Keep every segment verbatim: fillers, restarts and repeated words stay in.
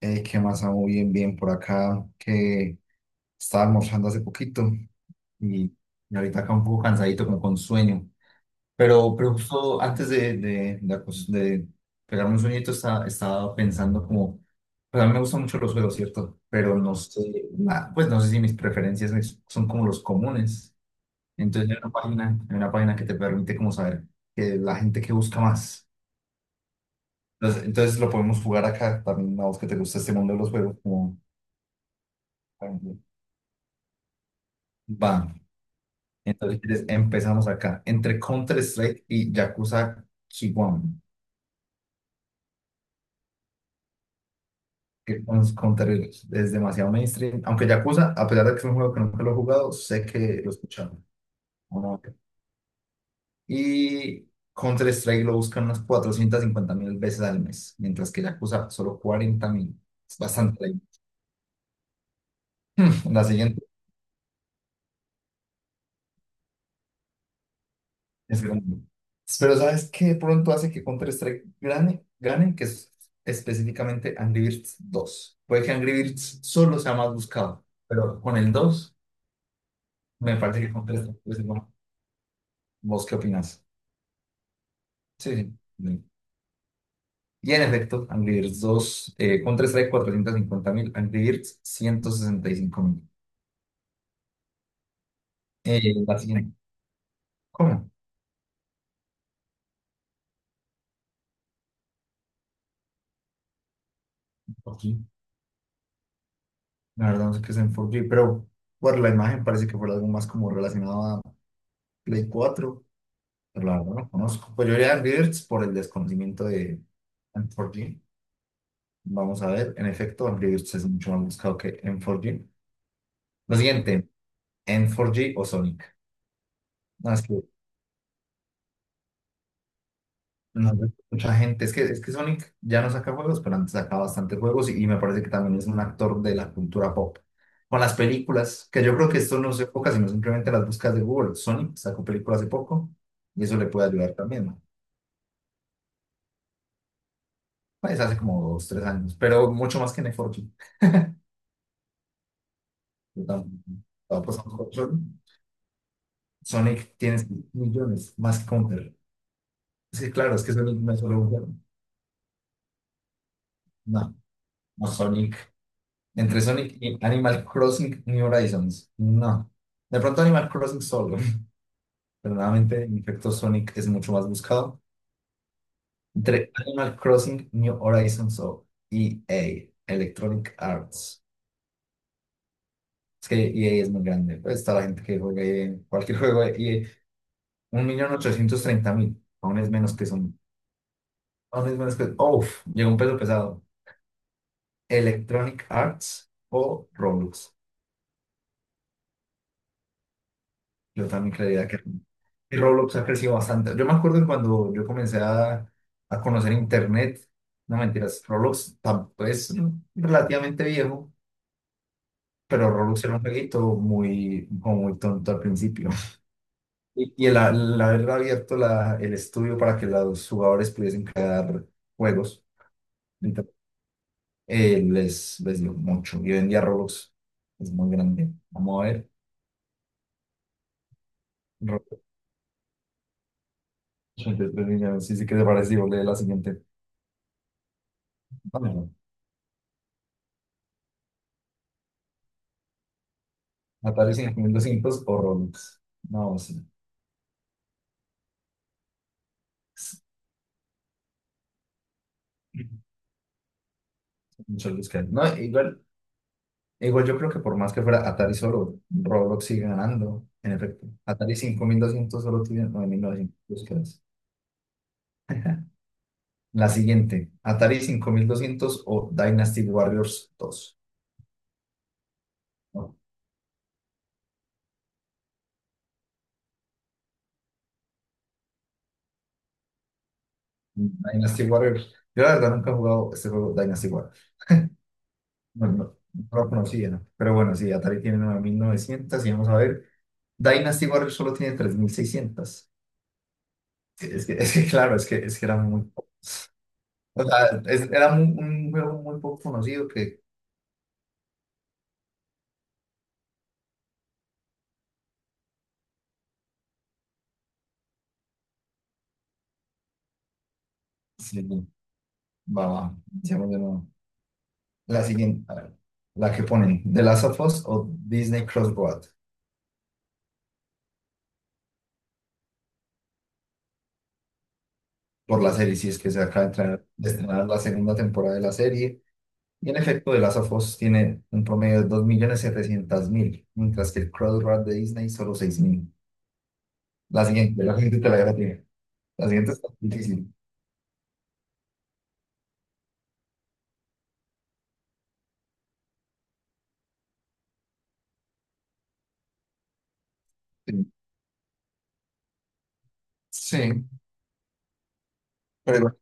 Eh, ¿qué más? Ah, muy bien, bien por acá, que estaba almorzando hace poquito y, y ahorita acá un poco cansadito, como con sueño. Pero, pero justo antes de, de, de, acos- de pegarme un sueñito, estaba, estaba pensando como, pues a mí me gustan mucho los juegos, ¿cierto? Pero no sé, na- pues no sé si mis preferencias es- son como los comunes. Entonces hay una página, hay una página que te permite como saber que la gente que busca más. Entonces, entonces lo podemos jugar acá también, a vos que te gusta este mundo de los juegos, como... Va. Entonces empezamos acá, entre Counter-Strike y Yakuza Kiwami. que con- Counter es es demasiado mainstream, aunque Yakuza, a pesar de que es un juego que nunca lo he jugado, sé que lo he escuchado, ¿no? Y Counter-Strike lo buscan unas cuatrocientas cincuenta mil veces al mes, mientras que Yakuza solo cuarenta mil. Es bastante. La siguiente. Es grande. Pero ¿sabes qué pronto hace que Counter-Strike gane, gane? Que es específicamente Angry Birds dos. Puede que Angry Birds solo sea más buscado, pero con el dos me parece que Counter-Strike puede ser más. ¿Vos qué opinas? Sí, sí, sí. Y en efecto, Angry Birds dos, eh, Counter-Strike cuatrocientos cincuenta mil, Angry Birds ciento sesenta y cinco mil. Eh, la siguiente. ¿Cómo? Por fin. La verdad no sé qué es en cuatro G, pero por la imagen parece que fue algo más como relacionado a Play cuatro. Claro, no lo conozco. Pues yo iría a Angry Birds por el desconocimiento de N cuatro G. Vamos a ver. En efecto, Angry Birds es mucho más buscado que N cuatro G. Lo siguiente, N cuatro G o Sonic. No, es que no sé, mucha gente. Es que, es que Sonic ya no saca juegos, pero antes sacaba bastantes juegos y, y me parece que también es un actor de la cultura pop. Con las películas, que yo creo que esto no se enfoca, sino simplemente las búsquedas de Google. Sonic sacó películas hace poco y eso le puede ayudar también, ¿no? Pues hace como dos, tres años, pero mucho más que en N cuatro G. Yo tampoco son control. Sonic tiene millones más que Counter. Sí, claro, es que Sonic no es solo un juego. No, no Sonic. Entre Sonic y Animal Crossing New Horizons. No. De pronto Animal Crossing solo. Pero nuevamente, en efecto, Sonic es mucho más buscado. Entre Animal Crossing, New Horizons o E a Electronic Arts. Es que E a es muy grande. Pues está la gente que juega E A, cualquier juego de E A. Un millón ochocientos treinta mil. Aún es menos que Sonic. Only Smash Cut. Uf, llegó un peso pesado. Electronic Arts o Roblox. Yo también creía que y Roblox ha crecido bastante. Yo me acuerdo que cuando yo comencé a, a conocer Internet, no mentiras, Roblox tampoco es relativamente viejo, pero Roblox era un jueguito muy, como muy tonto al principio. Y, y el, el haber abierto la- el estudio para que los jugadores pudiesen crear juegos. Eh, les, les dio mucho. Y hoy en día Roblox es muy grande. Vamos a ver. Roblox ochenta y tres millones. Sí, sí, ¿qué te parece? Digo, lee la siguiente. No, no, no. Atari cinco mil doscientos o Roblox. No, sí. Es mucho los que hay. No, igual, igual yo creo que por más que fuera Atari solo, Roblox sigue ganando. En efecto. Atari cinco mil doscientos solo tiene nueve mil novecientos búsquedas. La siguiente. Atari cinco mil doscientos o Dynasty Warriors dos, ¿no? Dynasty Warriors. Yo la verdad nunca he jugado este juego Dynasty Warriors. No, no, no lo conocía, no, pero bueno, sí, Atari tiene nueve mil novecientos y vamos a ver, Dynasty Warriors solo tiene tres mil seiscientos. Sí, es que, es que claro, es que, es que era muy poco, o sea, es- era mu- un juego muy poco conocido que... Sí, no, va, va, sigamos de nuevo. La siguiente, a ver, la que ponen, The Last of Us o Disney Crossroad, por la serie, si es que se acaba de estrenar de estrenar la segunda temporada de la serie. Y en efecto, The Last of Us tiene un promedio de dos millones setecientos mil, mientras que el Crossroad de Disney solo seis mil. La siguiente, la siguiente te la dejo a ti. La siguiente está difícil. Sí, sí, pero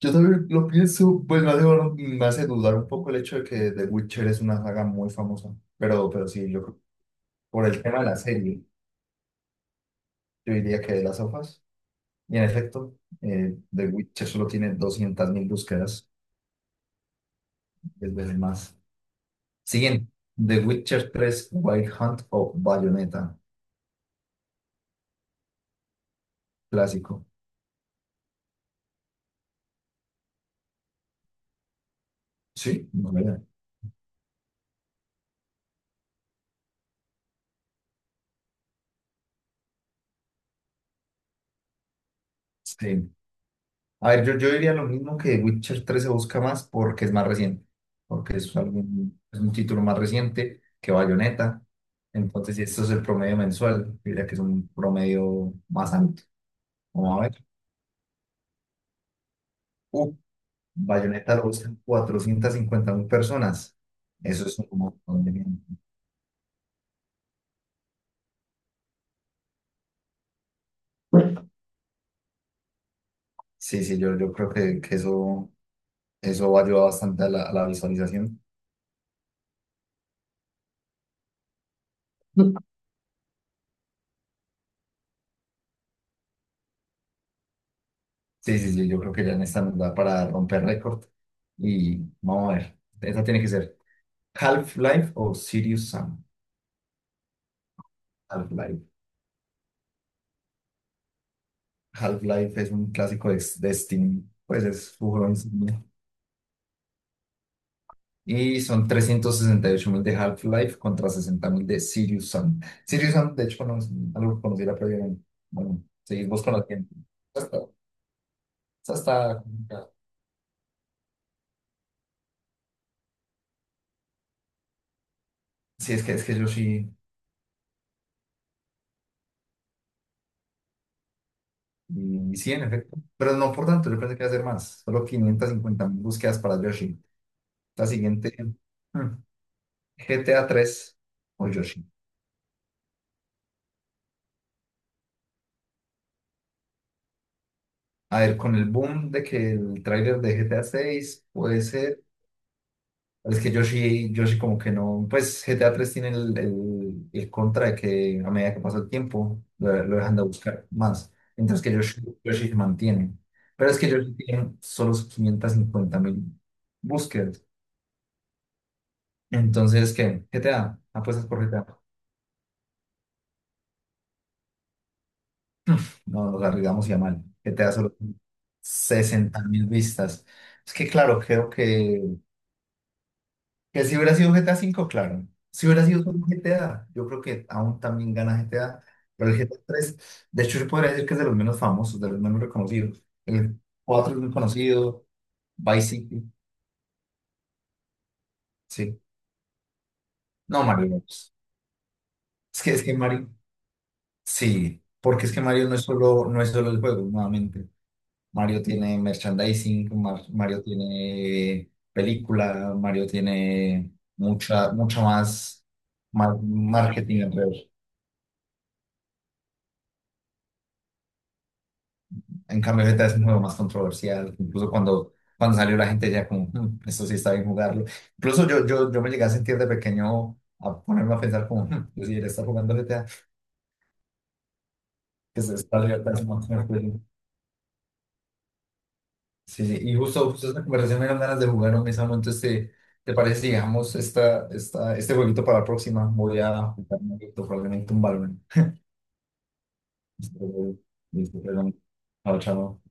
yo también lo pienso, pues me hace, me hace dudar un poco el hecho de que The Witcher es una saga muy famosa. Pero, pero sí, yo creo- por el tema de la serie, yo diría que de las sofás. Y en efecto, eh, The Witcher solo tiene doscientas mil búsquedas, es veces más. Siguiente, The Witcher tres Wild Hunt o Bayonetta, clásico. Sí, no, verdad. Sí. A ver, yo, yo diría lo mismo, que Witcher tres se busca más porque es más reciente, porque es algún- es un título más reciente que Bayonetta. Entonces, si esto es el promedio mensual, diría que es un promedio más alto. Vamos a ver. Uh, Bayonetta lo buscan cuatrocientos cincuenta mil personas. Eso es un montón de gente. Sí, sí, yo, yo creo que, que eso, eso ayuda bastante a la, a la visualización. Sí, sí, sí, yo creo que ya en esta nos da para romper récord. Y vamos a ver. Esa tiene que ser. Half-Life o Serious Sam. Half-Life. Half-Life es un clásico de, de Steam, pues es su juego insignia. Y son trescientos sesenta y ocho mil de Half-Life contra sesenta mil de Serious Sam. Serious Sam, de hecho, no es algo que conociera previamente. Bueno, seguís vos conociendo. Esa está, esa está complicada. Sí, es que, es que yo sí, y sí, en efecto. Pero no por tanto, yo pensé que iba a hacer más. Solo quinientas cincuenta mil búsquedas para Yoshi. La siguiente, hmm, G T A tres o Yoshi. A ver, con el boom de que el tráiler de G T A seis puede ser. Es que Yoshi, Yoshi como que no. Pues G T A tres tiene el, el- el contra de que a medida que pasa el tiempo lo, lo dejan de buscar más. Mientras que Yoshi, Yoshi se mantiene. Pero es que Yoshi tiene solo quinientos cincuenta mil búsquedas. Entonces, ¿qué? G T A, apuestas por G T A. No, nos arriesgamos y a mal. G T A solo sesenta mil vistas. Es que claro, creo que Que si hubiera sido G T A V, claro. Si hubiera sido solo G T A, yo creo que aún también gana G T A. Pero el G T A tres, de hecho, yo podría decir que es de los menos famosos, de los menos reconocidos. El cuatro es muy conocido, Vice City, sí. No, Mario Bros. Es que, es que Mario, sí, porque es que Mario no es solo, no es solo el juego, nuevamente. Mario tiene merchandising, Mar- Mario tiene película, Mario tiene mucha, mucha más, más marketing alrededor. En cambio, Z es nuevo, más controversial. Incluso cuando, cuando salió, la gente ya como, "Mm, esto sí está bien jugarlo". Incluso yo, yo, yo me llegué a sentir de pequeño a ponerme a pensar como, "Mm, yo sí, él está jugando G T A, que se está libertad es más mejor". Sí, sí. Y justo, justo esta conversación me dan ganas de jugar un mismo. Entonces, ¿te, te parece si dejamos esta, esta, este jueguito para la próxima? Voy a jugar un poquito, probablemente un Valorant. Listo, perdón. Chao, chao.